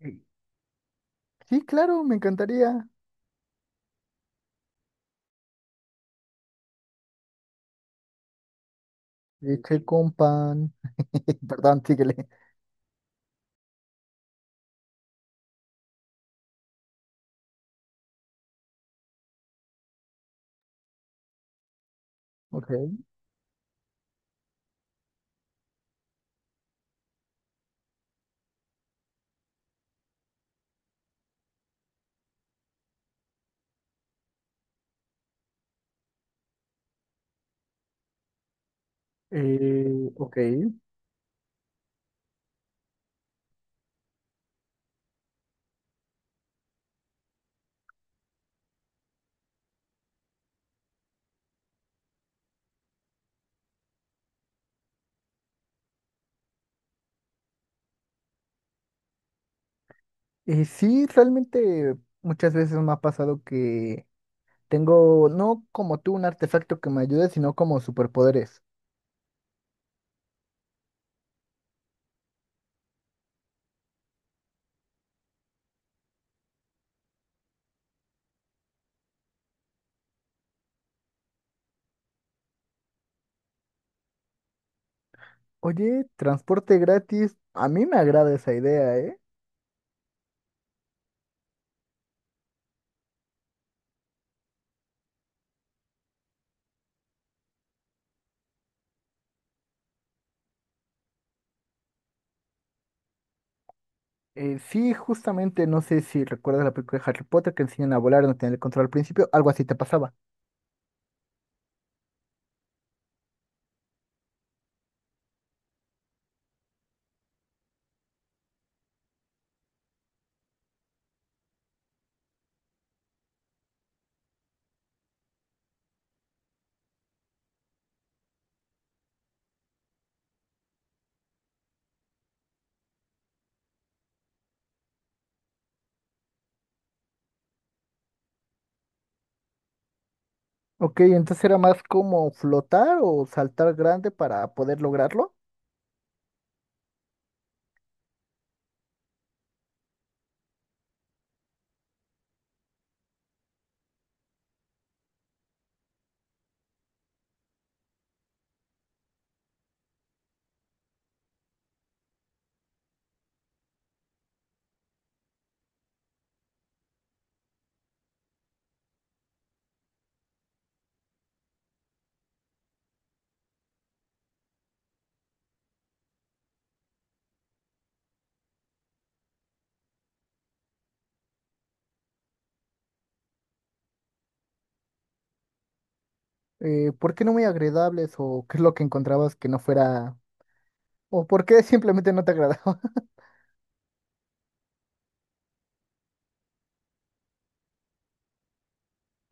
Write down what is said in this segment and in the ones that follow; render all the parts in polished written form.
Eh, Sí, claro, me encantaría. Leche con pan. Perdón, síguele. Ok. Ok. Sí, realmente muchas veces me ha pasado que tengo, no como tú, un artefacto que me ayude, sino como superpoderes. Oye, transporte gratis. A mí me agrada esa idea, ¿eh? Sí, justamente, no sé si recuerdas la película de Harry Potter que enseñan a volar, no tener el control al principio, algo así te pasaba. Ok, entonces era más como flotar o saltar grande para poder lograrlo. ¿Por qué no muy agradables o qué es lo que encontrabas que no fuera o por qué simplemente no te agradaba?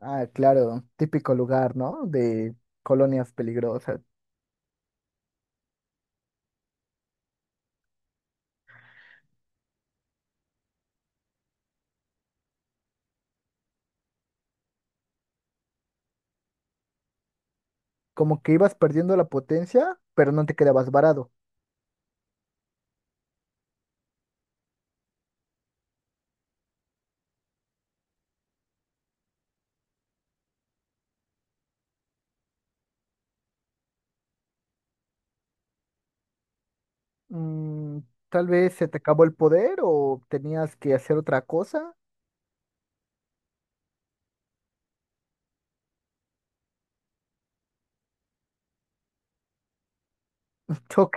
Ah, claro, típico lugar, ¿no? De colonias peligrosas. Como que ibas perdiendo la potencia, pero no te quedabas varado. Mm, tal vez se te acabó el poder o tenías que hacer otra cosa. Ok.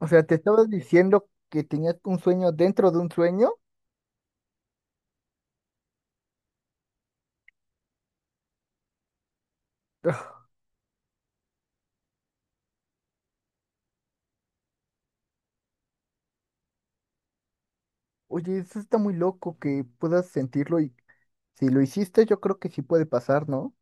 O sea, te estabas diciendo que tenías un sueño dentro de un sueño. Oye, eso está muy loco que puedas sentirlo y si lo hiciste, yo creo que sí puede pasar, ¿no?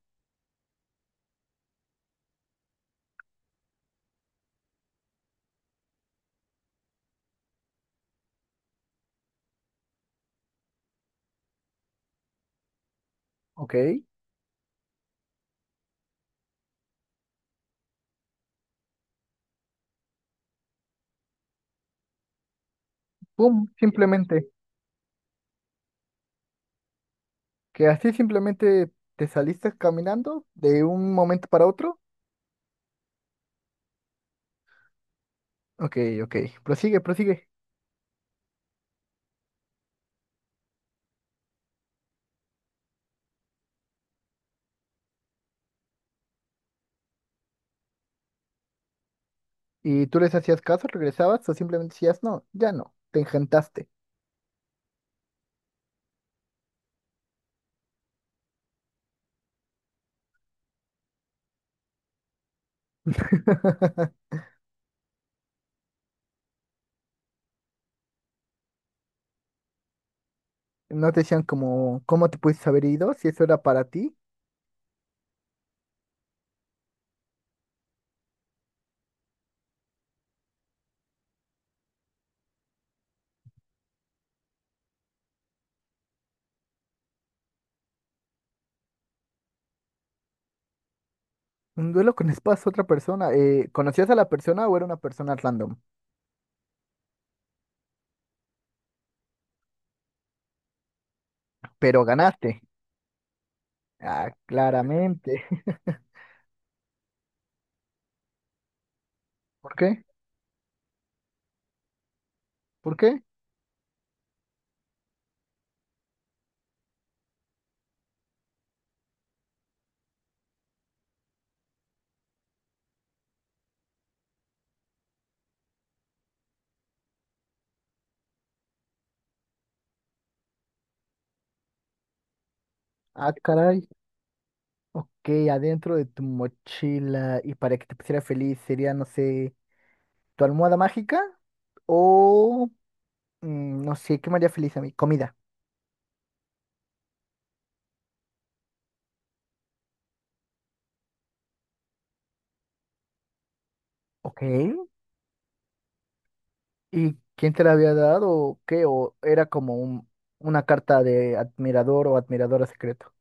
Ok. Pum, simplemente. Que así simplemente te saliste caminando de un momento para otro. Ok, ok. Prosigue, prosigue. ¿Y tú les hacías caso, regresabas o simplemente decías, no, ya no, te engentaste? No te decían como, ¿cómo te pudiste haber ido? Si eso era para ti. Un duelo con espadas a otra persona. ¿Conocías a la persona o era una persona random? Pero ganaste. Ah, claramente. ¿Por qué? ¿Por qué? Ah, caray. Ok, adentro de tu mochila y para que te pusiera feliz sería, no sé, tu almohada mágica o, no sé, ¿qué me haría feliz a mí? Comida. Ok. ¿Y quién te la había dado o qué? ¿O era como una carta de admirador o admiradora secreto?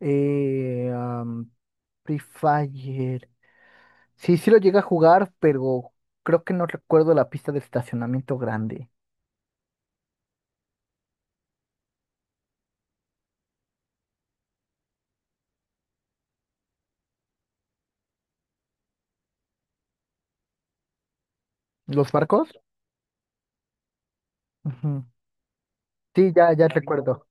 Eh, am, Free Fire. Sí, sí lo llegué a jugar, pero creo que no recuerdo la pista de estacionamiento grande. ¿Los barcos? Ujú. Sí, ya recuerdo.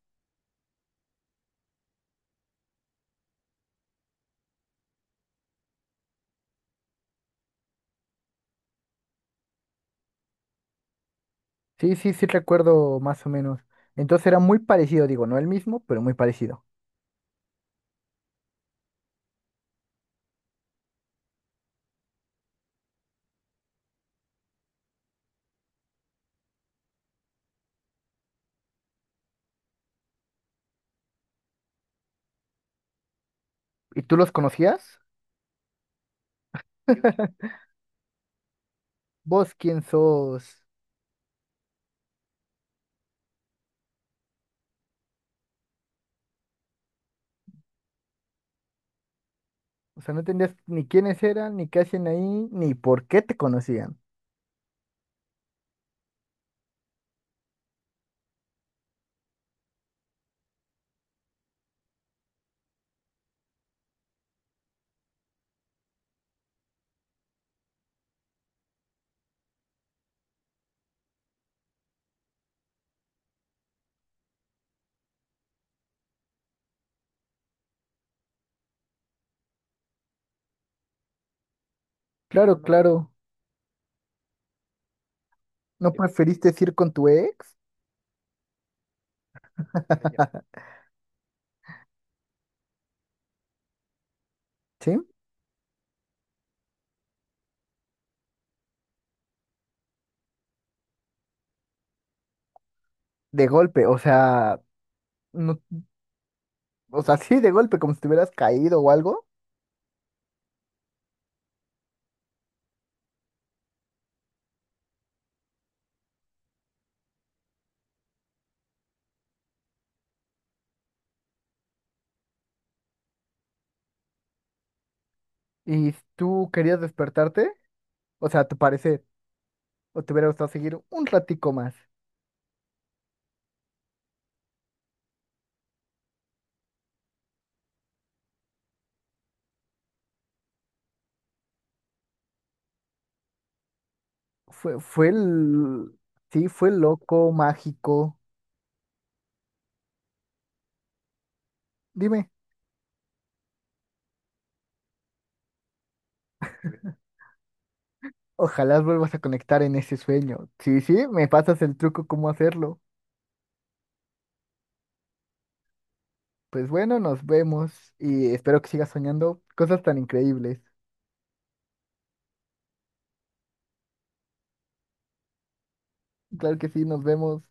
Sí, sí recuerdo más o menos. Entonces era muy parecido, digo, no el mismo, pero muy parecido. ¿Y tú los conocías? ¿Vos quién sos? O sea, no entendías ni quiénes eran, ni qué hacían ahí, ni por qué te conocían. Claro, claro. ¿No preferiste ir con tu ex? ¿Sí? De golpe, o sea, no, o sea, sí, de golpe, como si te hubieras caído o algo. ¿Y tú querías despertarte? O sea, a tu parecer, o te hubiera gustado seguir un ratico más. Fue, fue el, sí, fue loco, mágico. Dime, ojalá vuelvas a conectar en ese sueño. Sí, sí, me pasas el truco cómo hacerlo. Pues bueno, nos vemos y espero que sigas soñando cosas tan increíbles. Claro que sí, nos vemos.